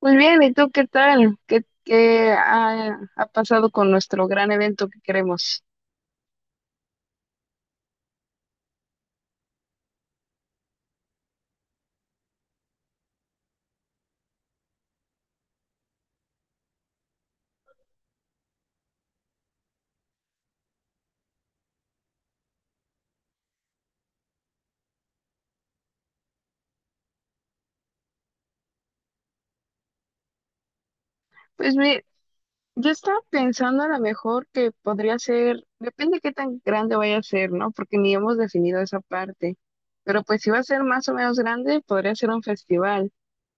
Muy bien, ¿y tú qué tal? ¿Qué ha pasado con nuestro gran evento que queremos? Pues mi- yo estaba pensando a lo mejor que podría ser, depende qué tan grande vaya a ser, ¿no? Porque ni hemos definido esa parte. Pero pues si va a ser más o menos grande, podría ser un festival.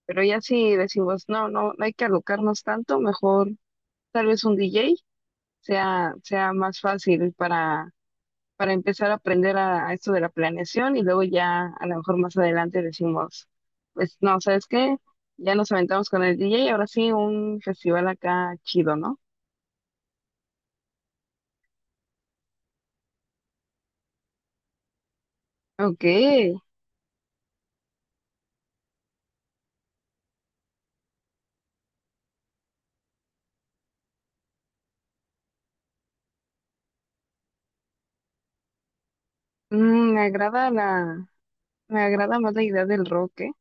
Pero ya si decimos, no, no, no hay que alocarnos tanto, mejor tal vez un DJ sea más fácil para empezar a aprender a esto de la planeación, y luego ya a lo mejor más adelante decimos, pues no, ¿sabes qué? Ya nos aventamos con el DJ y ahora sí un festival acá chido, ¿no? Ok. Mm, me agrada más la idea del rock, ¿eh?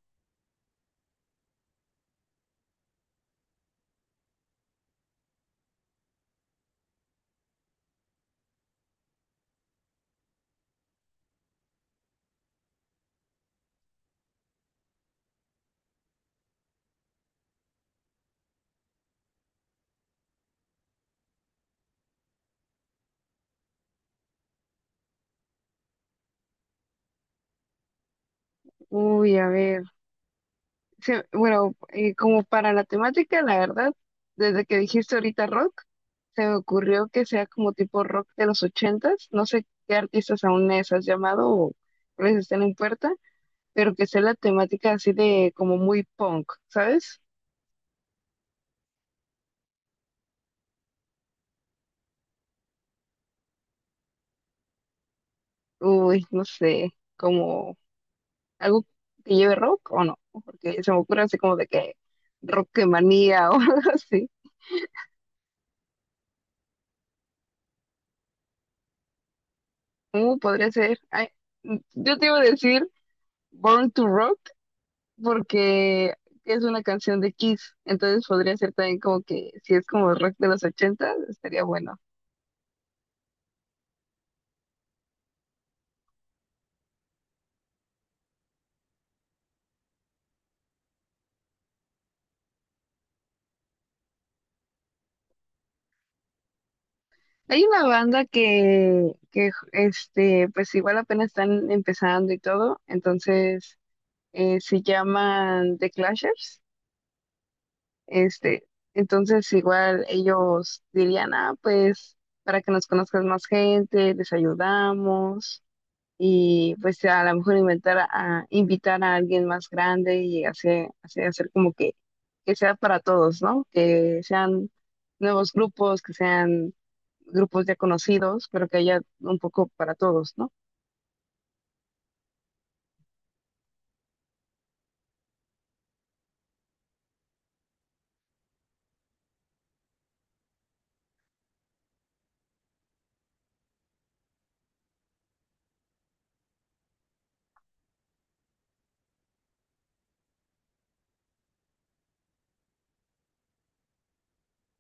Uy, a ver, bueno, como para la temática, la verdad, desde que dijiste ahorita rock, se me ocurrió que sea como tipo rock de los ochentas. No sé qué artistas aún les has llamado o les estén en puerta, pero que sea la temática así de como muy punk, ¿sabes? Uy, no sé, como algo que lleve rock o no, porque se me ocurre así como de que manía o algo así. ¿Cómo podría ser? Ay, yo te iba a decir Born to Rock porque es una canción de Kiss. Entonces podría ser también como que si es como rock de los 80, estaría bueno. Hay una banda que, pues igual apenas están empezando y todo, entonces se llaman The Clashers. Este, entonces igual ellos dirían, ah, pues para que nos conozcas más gente, les ayudamos, y pues a lo mejor invitar a alguien más grande y hacer como que sea para todos, ¿no? Que sean nuevos grupos, que sean grupos ya conocidos, pero que haya un poco para todos, ¿no?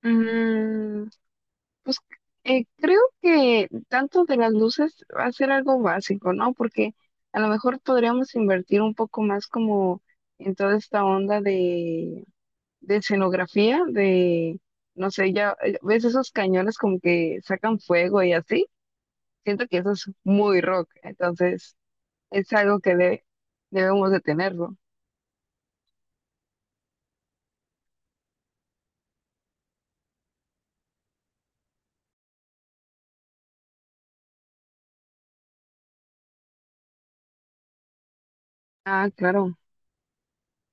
Mm. Pues creo que tanto de las luces va a ser algo básico, ¿no? Porque a lo mejor podríamos invertir un poco más como en toda esta onda de escenografía, de, no sé. Ya ves esos cañones como que sacan fuego y así. Siento que eso es muy rock, entonces es algo que debemos de tenerlo. Ah, claro.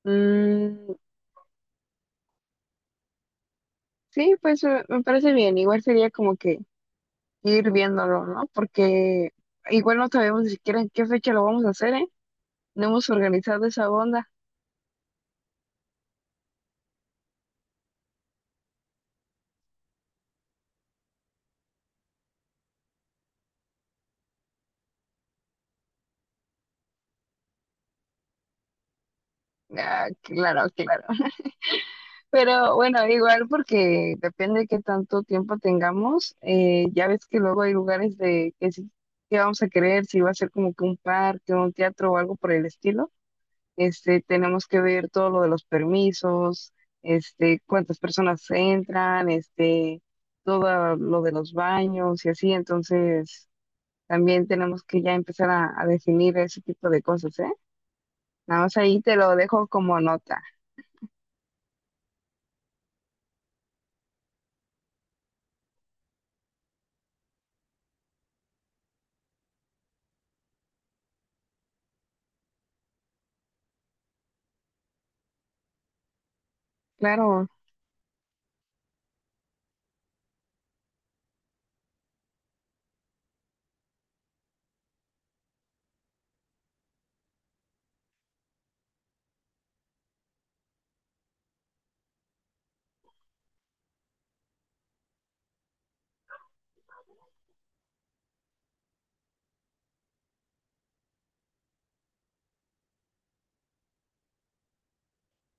Mm, sí, pues me parece bien. Igual sería como que ir viéndolo, ¿no? Porque igual no sabemos ni siquiera en qué fecha lo vamos a hacer, ¿eh? No hemos organizado esa onda. Ah, claro, claro. Pero bueno, igual porque depende de qué tanto tiempo tengamos. Ya ves que luego hay lugares de que sí, que vamos a querer, si va a ser como que un parque, un teatro o algo por el estilo. Tenemos que ver todo lo de los permisos, cuántas personas entran, todo lo de los baños y así. Entonces también tenemos que ya empezar a definir ese tipo de cosas, ¿eh? Nada más ahí te lo dejo como nota. Claro,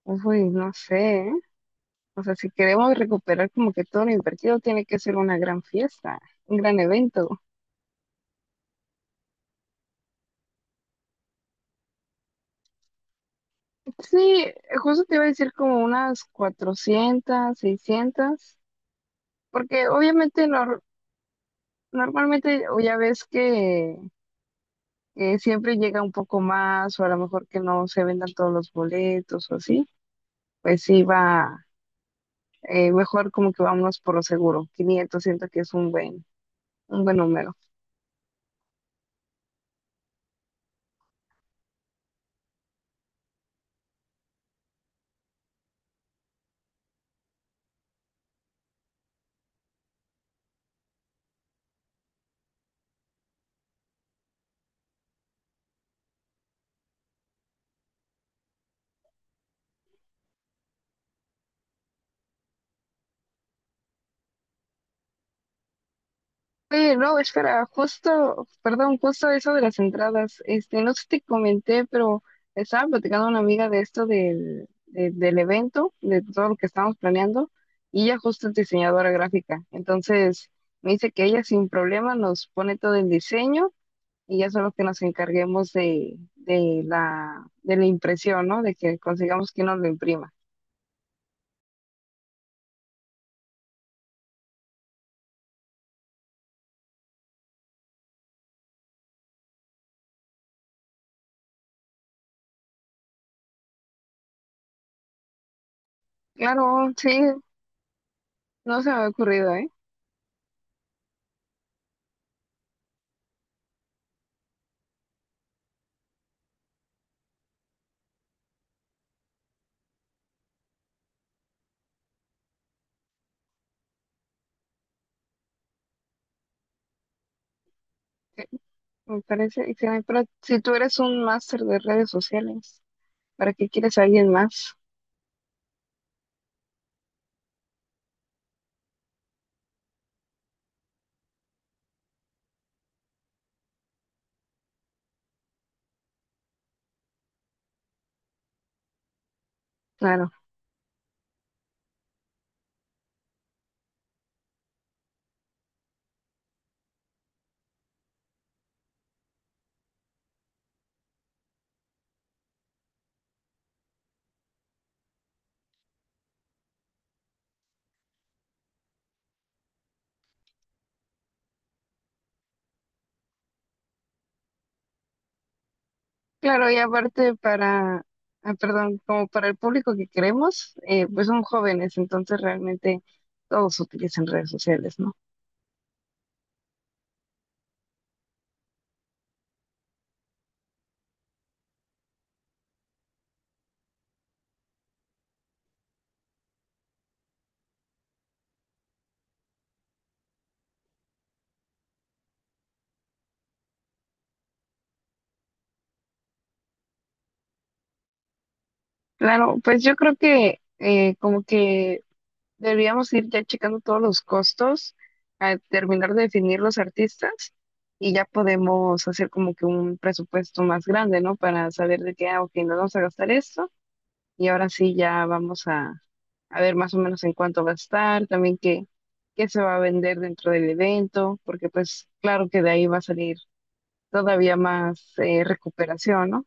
uy, no sé, ¿eh? O sea, si queremos recuperar como que todo lo invertido, tiene que ser una gran fiesta, un gran evento. Sí, justo te iba a decir como unas 400 seiscientas, porque obviamente normalmente, o ya ves que siempre llega un poco más, o a lo mejor que no se vendan todos los boletos o así. Pues sí va mejor como que vámonos por lo seguro. Quinientos siento que es un buen número. Oye, no, espera, justo, perdón, justo eso de las entradas. No sé si te comenté, pero estaba platicando a una amiga de esto del evento, de todo lo que estábamos planeando, y ella justo es diseñadora gráfica. Entonces me dice que ella sin problema nos pone todo el diseño, y ya solo que nos encarguemos de, de la impresión, ¿no? De que consigamos que nos lo imprima. Claro, sí. No se me ha ocurrido, ¿eh? Eh, Me parece excelente. Pero si tú eres un máster de redes sociales, ¿para qué quieres a alguien más? Claro. Claro, y aparte para, ah, perdón, como para el público que queremos, pues son jóvenes, entonces realmente todos utilizan redes sociales, ¿no? Claro, pues yo creo que deberíamos ir ya checando todos los costos, a terminar de definir los artistas, y ya podemos hacer como que un presupuesto más grande, ¿no? Para saber de qué, ah, ok, nos vamos a gastar esto, y ahora sí ya vamos a ver más o menos en cuánto gastar. También qué, qué se va a vender dentro del evento, porque pues claro que de ahí va a salir todavía más recuperación, ¿no?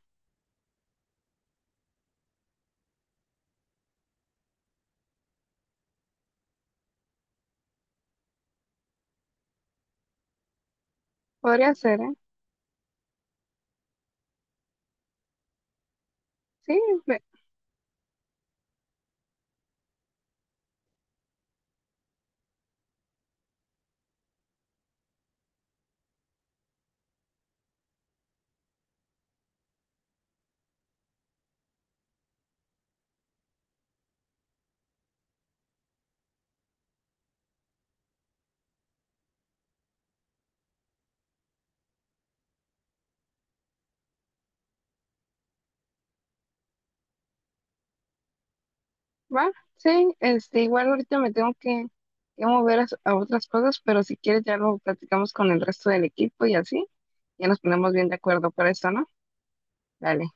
Podría ser, ¿eh? Sí. Va, sí, igual ahorita me tengo que mover a otras cosas, pero si quieres ya lo platicamos con el resto del equipo, y así ya nos ponemos bien de acuerdo para esto, ¿no? Dale.